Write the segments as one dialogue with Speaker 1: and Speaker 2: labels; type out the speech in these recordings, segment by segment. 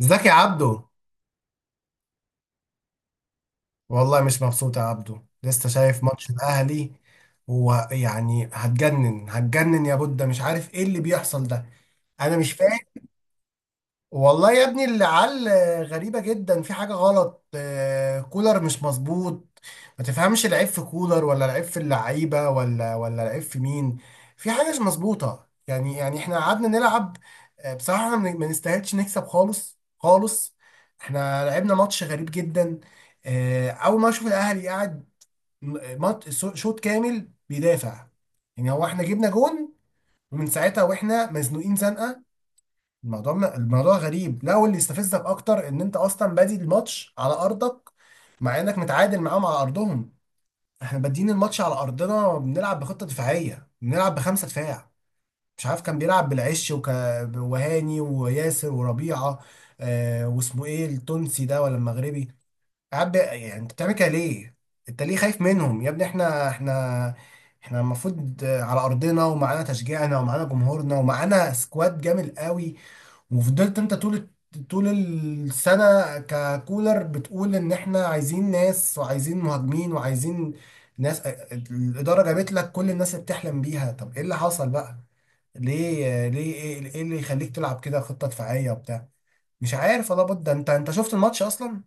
Speaker 1: ازيك يا عبدو؟ والله مش مبسوط يا عبدو، لسه شايف ماتش الاهلي ويعني هتجنن هتجنن يا بودة، مش عارف ايه اللي بيحصل ده، انا مش فاهم. والله يا ابني العيال غريبة جدا، في حاجة غلط، كولر مش مظبوط. ما تفهمش العيب في كولر ولا العيب في اللعيبه ولا العيب في مين. في حاجه مش مظبوطه، يعني احنا قعدنا نلعب. بصراحه احنا ما نستاهلش نكسب خالص خالص. احنا لعبنا ماتش غريب جدا. اول ما اشوف الاهلي قاعد شوط كامل بيدافع، يعني هو احنا جبنا جون ومن ساعتها واحنا مزنوقين زنقه. الموضوع الموضوع غريب. لا، واللي يستفزك اكتر ان انت اصلا بادي الماتش على ارضك، مع انك متعادل معاهم على ارضهم. احنا بادئين الماتش على ارضنا بنلعب بخطه دفاعيه، بنلعب بخمسه دفاع، مش عارف كان بيلعب بالعش وهاني وياسر وربيعه. واسمه ايه التونسي ده ولا المغربي؟ قاعد يعني انت بتعمل كده ليه؟ انت ليه خايف منهم يا ابني؟ احنا المفروض على ارضنا ومعانا تشجيعنا ومعانا جمهورنا ومعانا سكواد جامد قوي. وفضلت انت طول طول السنة ككولر بتقول ان احنا عايزين ناس وعايزين مهاجمين وعايزين ناس. الإدارة جابت لك كل الناس اللي بتحلم بيها، طب ايه اللي حصل بقى؟ ليه، ايه اللي يخليك تلعب كده خطة دفاعية وبتاع؟ مش عارف والله بود ده، انت شفت الماتش اصلا؟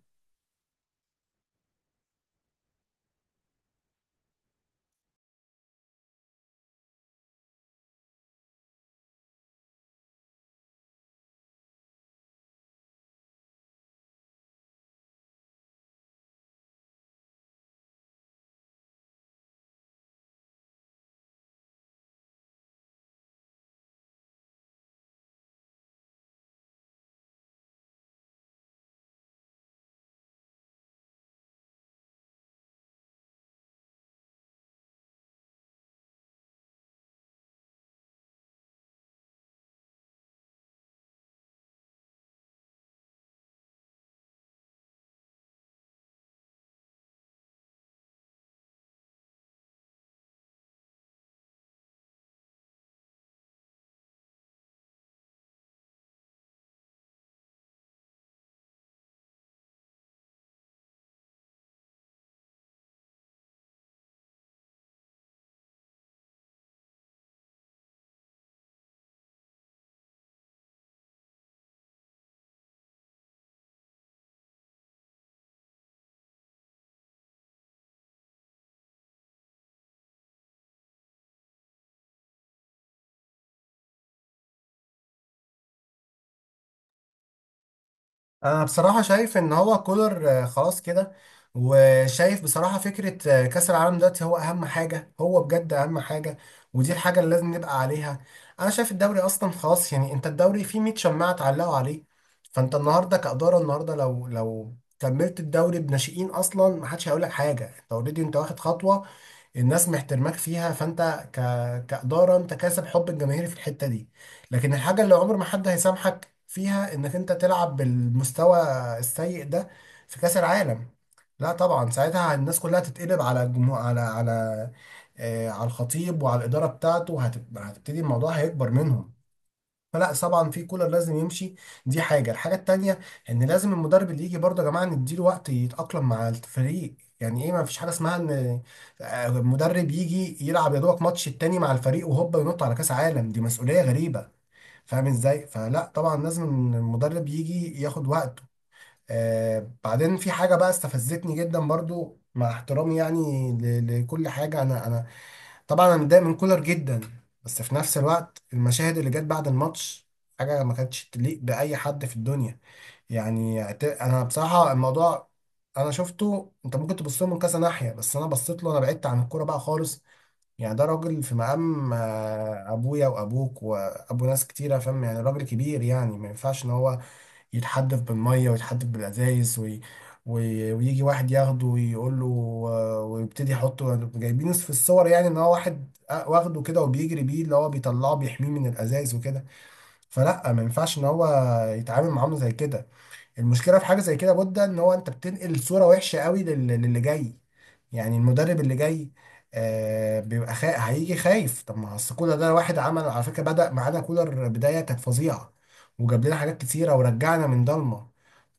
Speaker 1: انا بصراحه شايف ان هو كولر خلاص كده، وشايف بصراحه فكره كاس العالم دلوقتي هو اهم حاجه، هو بجد اهم حاجه، ودي الحاجه اللي لازم نبقى عليها. انا شايف الدوري اصلا خلاص، يعني انت الدوري فيه 100 شماعه اتعلقوا عليه. فانت النهارده كاداره النهارده لو كملت الدوري بناشئين اصلا ما حدش هيقول لك حاجه، انت اوريدي، انت واخد خطوه، الناس محترماك فيها. فانت ك... كإدارة انت كاسب حب الجماهير في الحتة دي. لكن الحاجة اللي عمر ما حد هيسامحك فيها انك انت تلعب بالمستوى السيء ده في كأس العالم. لا طبعا ساعتها الناس كلها تتقلب على الجمهور، على الخطيب وعلى الإدارة بتاعته، وهتبتدي الموضوع هيكبر منهم. فلا طبعا في كولر لازم يمشي. دي الحاجه التانيه، ان لازم المدرب اللي يجي برضه يا جماعه نديله وقت يتاقلم مع الفريق، يعني ايه ما فيش حاجه اسمها ان مدرب يجي يلعب يا دوبك ماتش التاني مع الفريق وهوبا ينط على كاس عالم، دي مسؤوليه غريبه. فاهم ازاي؟ فلا طبعا لازم المدرب يجي ياخد وقته. بعدين في حاجه بقى استفزتني جدا برضو مع احترامي، يعني لكل حاجه. انا طبعا انا متضايق من كولر جدا، بس في نفس الوقت المشاهد اللي جت بعد الماتش حاجه ما كانتش تليق باي حد في الدنيا. يعني انا بصراحه الموضوع انا شفته، انت ممكن تبص له من كذا ناحيه، بس انا بصيت له، انا بعدت عن الكوره بقى خالص. يعني ده راجل في مقام ابويا وابوك وابو ناس كتيره، فاهم؟ يعني راجل كبير، يعني ما ينفعش ان هو يتحدف بالميه ويتحدف بالازايز ويجي واحد ياخده ويقول له، ويبتدي يحطه، جايبين في الصور يعني ان هو واحد واخده كده وبيجري بيه، اللي هو بيطلعه بيحميه من الازايز وكده. فلا ما ينفعش ان هو يتعامل معامله زي كده. المشكله في حاجه زي كده بودة، ان هو انت بتنقل صوره وحشه قوي للي جاي، يعني المدرب اللي جاي بيبقى هيجي خايف. طب ما اصل كولر ده واحد عمل على فكره، بدأ معانا كولر بدايه كانت فظيعه وجاب لنا حاجات كتيره ورجعنا من ضلمه،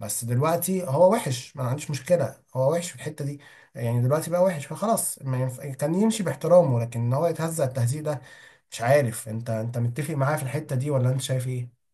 Speaker 1: بس دلوقتي هو وحش، ما أنا عنديش مشكله هو وحش في الحته دي، يعني دلوقتي بقى وحش فخلاص، ما ينف... كان يمشي باحترامه، لكن ان هو يتهزأ التهزيء ده. مش عارف، انت متفق معايا في الحته دي ولا انت شايف ايه؟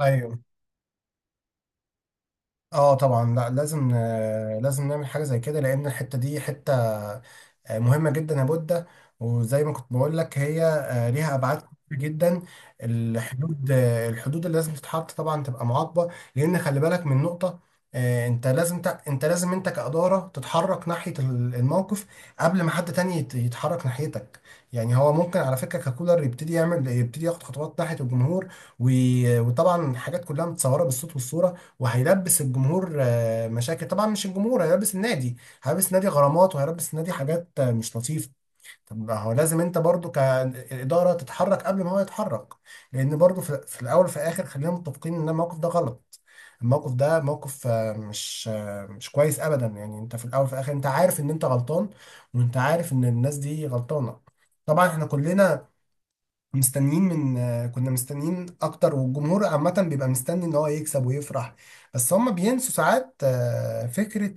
Speaker 1: ايوه. اه طبعا، لا لازم، لازم نعمل حاجه زي كده، لان الحته دي حته مهمة جدا يا بودة. وزي ما كنت بقول لك هي ليها أبعاد كتير جدا. الحدود اللي لازم تتحط طبعا تبقى معاقبة. لأن خلي بالك من نقطة، أنت لازم أنت لازم أنت كإدارة تتحرك ناحية الموقف قبل ما حد تاني يتحرك ناحيتك. يعني هو ممكن على فكرة ككولر يبتدي ياخد خطوات ناحية الجمهور، وطبعا حاجات كلها متصورة بالصوت والصورة، وهيلبس الجمهور مشاكل، طبعا مش الجمهور، هيلبس النادي، هيلبس النادي غرامات، وهيلبس النادي حاجات مش لطيفه. طب ما هو لازم انت برضو كاداره تتحرك قبل ما هو يتحرك، لان برضو في الاول وفي الاخر خلينا متفقين ان الموقف ده غلط. الموقف ده موقف مش كويس ابدا، يعني انت في الاول وفي الاخر انت عارف ان انت غلطان، وانت عارف ان الناس دي غلطانه. طبعا احنا كلنا مستنيين من آه، كنا مستنيين اكتر، والجمهور عامه بيبقى مستني ان هو يكسب ويفرح، بس هم بينسوا ساعات فكره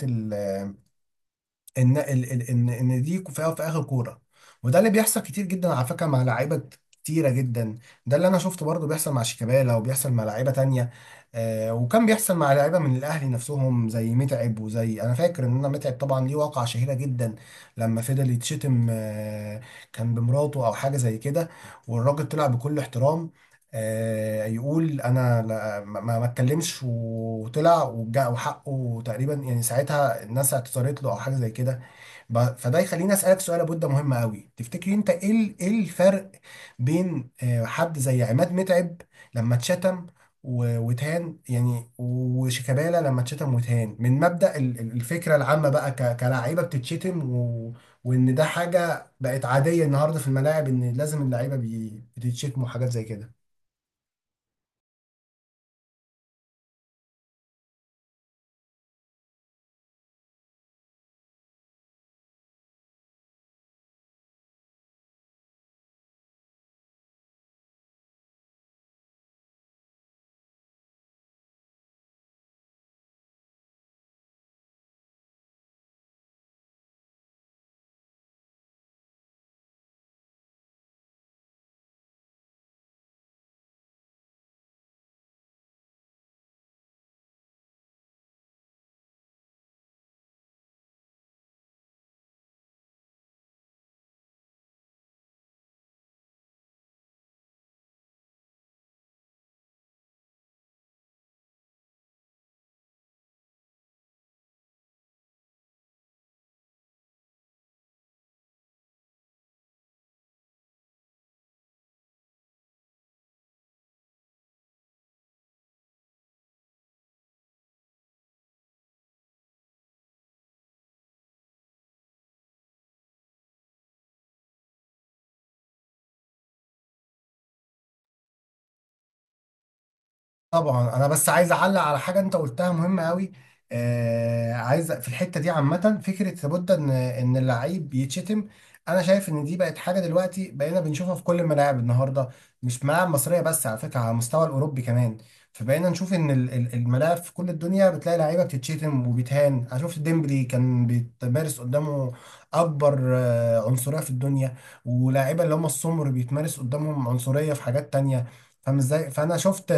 Speaker 1: ان ان دي فيها في اخر كوره. وده اللي بيحصل كتير جدا على فكره، مع لعيبه كتيره جدا. ده اللي انا شفته برضو بيحصل مع شيكابالا، وبيحصل مع لعيبه تانية، وكان بيحصل مع لعيبه من الاهلي نفسهم زي متعب، وزي، انا فاكر ان انا، متعب طبعا ليه واقعه شهيره جدا لما فضل يتشتم، كان بمراته او حاجه زي كده، والراجل طلع بكل احترام، يقول انا ما اتكلمش، وطلع وحقه تقريبا، يعني ساعتها الناس اعتذرت له او حاجه زي كده. فده يخليني اسالك سؤال، ابو، ده مهم قوي، تفتكري انت ايه ايه الفرق بين حد زي عماد متعب لما اتشتم واتهان يعني، وشيكابالا لما اتشتم واتهان، من مبدأ الفكره العامه بقى، كلاعيبه بتتشتم وان ده حاجه بقت عاديه النهارده في الملاعب، ان لازم اللعيبه بتتشتم وحاجات زي كده؟ طبعا انا بس عايز اعلق على حاجه انت قلتها مهمه قوي. عايز في الحته دي عامه فكره لابد ان اللعيب يتشتم. انا شايف ان دي بقت حاجه دلوقتي بقينا بنشوفها في كل الملاعب النهارده، مش ملاعب مصريه بس على فكره، على المستوى الاوروبي كمان. فبقينا نشوف ان الملاعب في كل الدنيا بتلاقي لعيبه بتتشتم وبيتهان. انا شفت ديمبلي كان بيتمارس قدامه اكبر عنصريه في الدنيا، ولاعيبه اللي هم السمر بيتمارس قدامهم عنصريه في حاجات تانية. فاهم ازاي؟ فانا شفت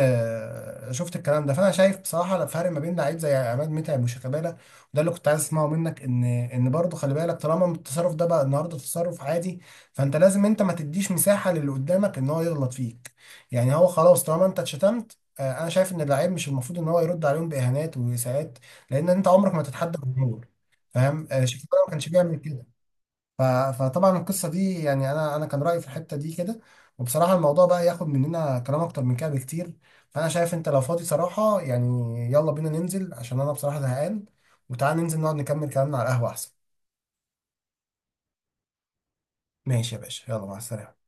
Speaker 1: شفت الكلام ده، فانا شايف بصراحه الفرق ما بين لعيب زي عماد متعب وشيكابالا، وده اللي كنت عايز اسمعه منك. ان برضه خلي بالك، طالما التصرف ده بقى النهارده تصرف عادي، فانت لازم انت ما تديش مساحه للي قدامك ان هو يغلط فيك. يعني هو خلاص طالما انت اتشتمت، انا شايف ان اللعيب مش المفروض ان هو يرد عليهم باهانات واساءات، لان انت عمرك ما تتحدى الجمهور. فاهم؟ شيكابالا ما كانش بيعمل كده. ف- فطبعا القصه دي يعني انا كان رايي في الحته دي كده، وبصراحه الموضوع بقى ياخد مننا كلام اكتر من كده بكتير. فانا شايف انت لو فاضي صراحه، يعني يلا بينا ننزل عشان انا بصراحه زهقان، وتعال ننزل نقعد نكمل كلامنا على القهوه احسن. ماشي يا باشا، يلا مع السلامه.